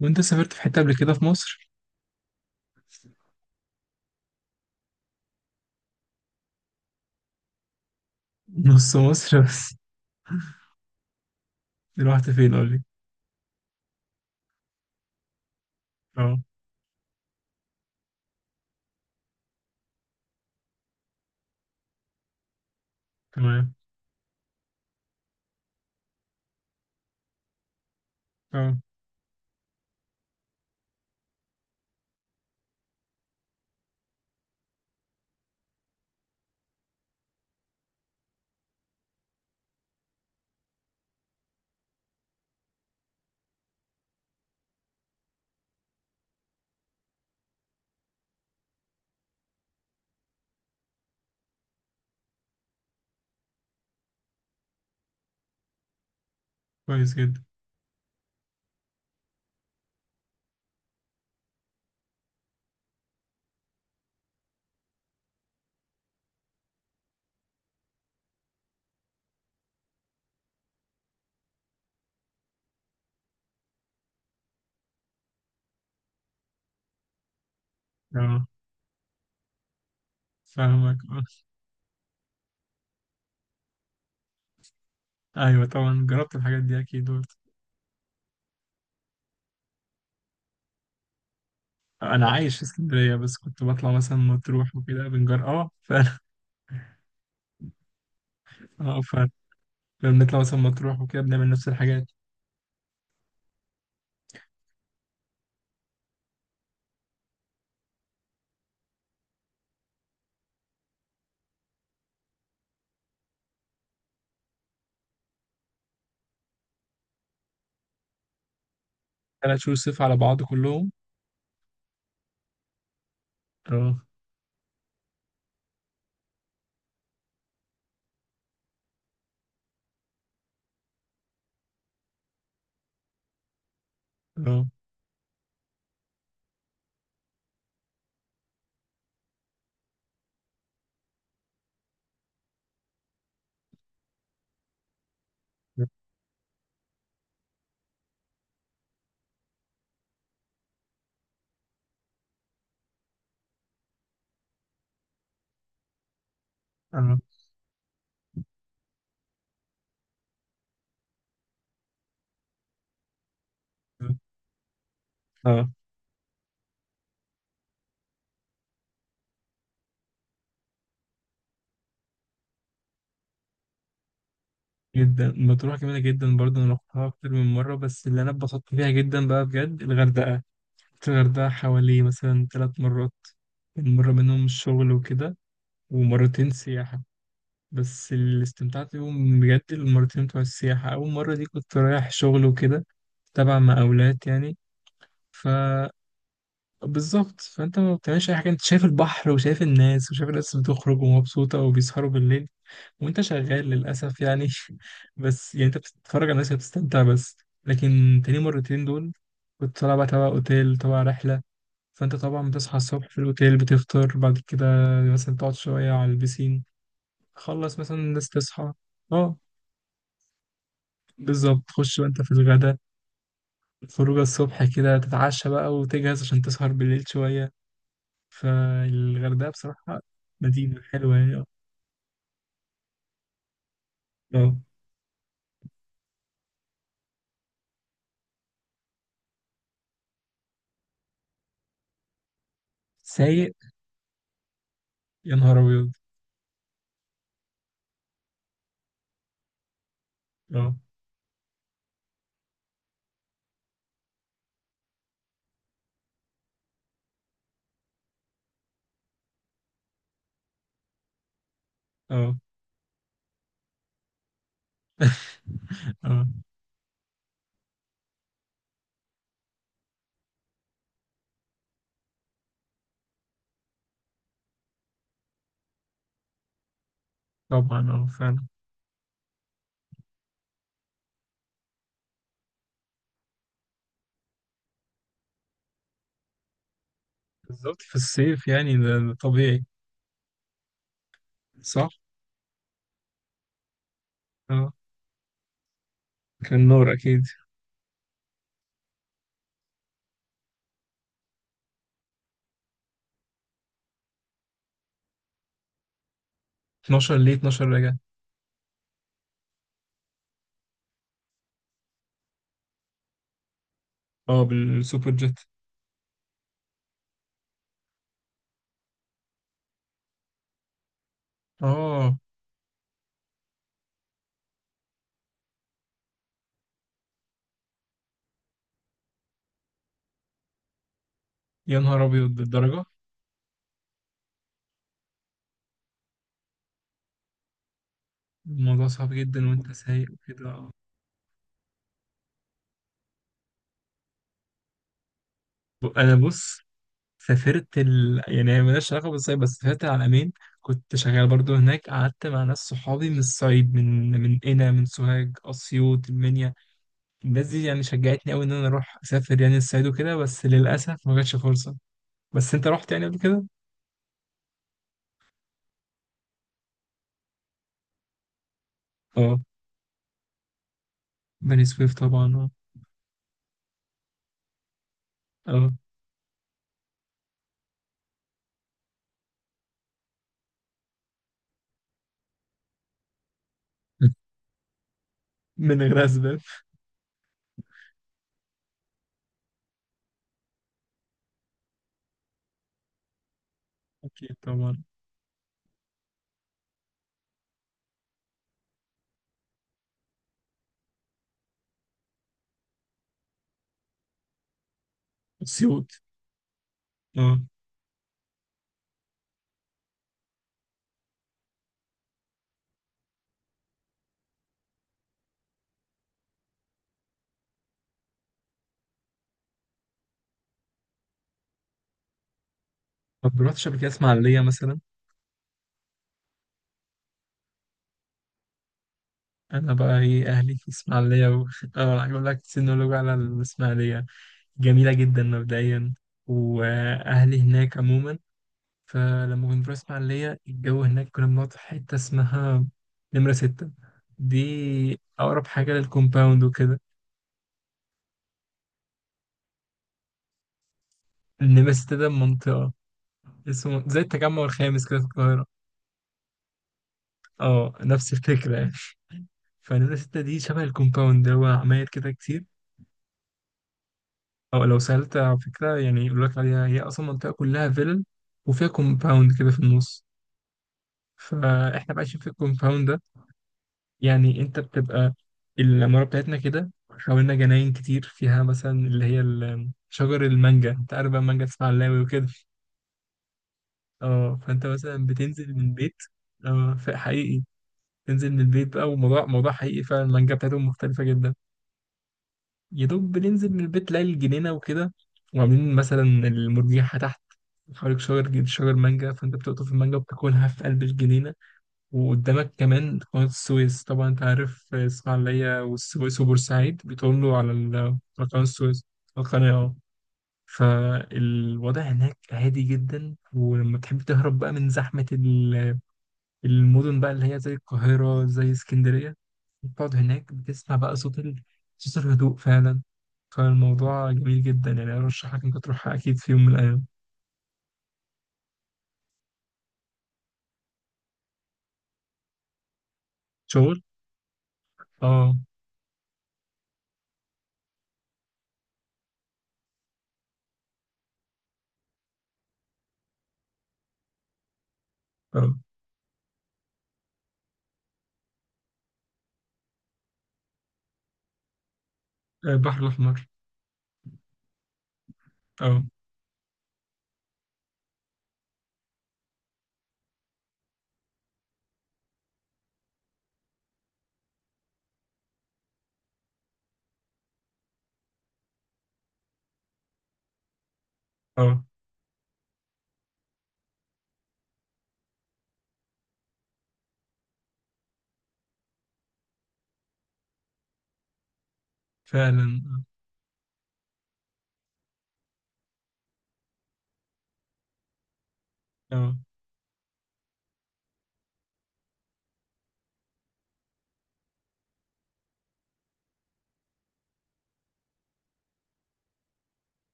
وانت سافرت في حتة قبل كده في مصر؟ نص مصر بس. رحت فين قول لي؟ اه. تمام. اه. كويس جدا. اه. فاهمك، اه. ايوه، طبعا جربت الحاجات دي اكيد برضه. انا عايش في اسكندرية، بس كنت بطلع مثلا مطروح وكده بنجر، اه فعلا. اه فعلا. كنا بنطلع مثلا مطروح وكده بنعمل نفس الحاجات. ثلاث شهور صيف على بعض كلهم؟ اه. اه. اه. اه. اه، جدا، مطروح جميلة جدا برضه، انا رحتها اكتر من مرة، بس اللي انا اتبسطت فيها جدا بقى بجد الغردقة. الغردقة حوالي مثلا ثلاث مرات. يعني مرة منهم الشغل وكده، ومرتين سياحة. بس اللي استمتعت بيهم بجد المرتين بتوع السياحة. أول مرة دي كنت رايح شغل وكده، تبع مقاولات يعني. ف بالظبط، فأنت ما بتعملش أي حاجة، أنت شايف البحر وشايف الناس، وشايف الناس بتخرج ومبسوطة وبيسهروا بالليل، وأنت شغال للأسف يعني. بس يعني أنت بتتفرج على الناس وبتستمتع بس. لكن تاني مرتين دول كنت طالع بقى تبع أوتيل، تبع رحلة. فانت طبعا بتصحى الصبح في الاوتيل، بتفطر بعد كده، مثلا تقعد شويه على البسين، خلص مثلا الناس تصحى. اه، بالظبط، تخش بقى انت في الغدا. خروجه الصبح كده، تتعشى بقى وتجهز عشان تسهر بالليل شويه. فالغردقه بصراحه مدينه حلوه يعني، اه. آه. سايق. يا نهار ابيض. اه. اه. اه. طبعا اه فعلا. بالظبط، في الصيف يعني ده طبيعي. صح. اه، كان نور اكيد. 12 ليه؟ 12 رجع؟ اه، بالسوبر جيت. اه، يا نهار ابيض للدرجه. الموضوع صعب جدا وانت سايق وكده. انا بص، سافرت يعني هي مالهاش علاقه بالصيد، بس سافرت العلمين. كنت شغال برضو هناك، قعدت مع ناس صحابي من الصعيد، من قنا، من سوهاج، اسيوط، المنيا. الناس دي يعني شجعتني قوي ان انا اروح اسافر يعني الصعيد وكده، بس للاسف ما جاتش فرصه. بس انت رحت يعني قبل كده؟ اه. بني سويف طبعا، اه. اه. من غير اسباب. اكيد طبعا. اسيوط. اه. طب رحتش قبل كده اسماعيليه مثلا؟ انا بقى ايه، اهلي في اسماعيليه اه، هقول لك سينولوج على الاسماعيليه. جميله جدا مبدئيا، واهلي هناك عموما. فلما كنت بروح اسماعيليه، الجو هناك كنا بنقعد في حته اسمها نمره ستة. دي اقرب حاجه للكومباوند وكده. نمره ستة ده منطقه، اسمه زي التجمع الخامس كده في القاهره. اه، نفس الفكره يعني. فنمره ستة دي شبه الكومباوند، هو عماير كده كتير. أو لو سألت على فكرة يعني، يقول لك عليها هي أصلا منطقة كلها فيلل، وفيها كومباوند كده في النص. فإحنا بقى عايشين في الكومباوند ده. يعني أنت بتبقى، العمارة بتاعتنا كده، حوالينا جناين كتير، فيها مثلا اللي هي شجر المانجا. أنت عارف بقى المانجا تسمع اللاوي وكده. أه، فأنت مثلا بتنزل من البيت. أه حقيقي، تنزل من البيت بقى. وموضوع موضوع حقيقي فعلا، المانجا بتاعتهم مختلفة جدا. يا دوب بننزل من البيت، تلاقي الجنينة وكده، وعاملين مثلا المرجيحة تحت، حواليك شجر شجر مانجا، فانت بتقطف المانجا وبتاكلها في قلب الجنينة. وقدامك كمان قناة السويس. طبعا انت عارف الإسماعيلية والسويس وبورسعيد بيطلوا على على قناة السويس، القناة، اه. فالوضع هناك هادي جدا، ولما تحب تهرب بقى من زحمة المدن بقى، اللي هي زي القاهرة، زي اسكندرية، بتقعد هناك، بتسمع بقى صوت صوت الهدوء فعلا. فالموضوع جميل جدا يعني، أرشحك إنك تروحها أكيد في يوم من الأيام. شغل؟ آه. آه. البحر الأحمر. آه. آه فعلا. آه. آه.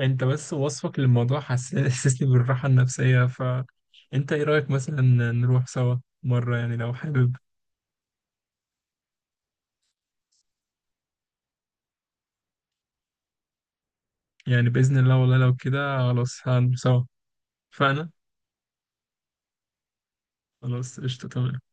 أنت بس وصفك للموضوع حسسني بالراحة النفسية. فأنت إيه رأيك مثلا، نروح سوا مرة، يعني لو حابب؟ يعني بإذن الله، والله لو كده خلاص هنروح سوا. فأنا خلاص قشطة، تمام.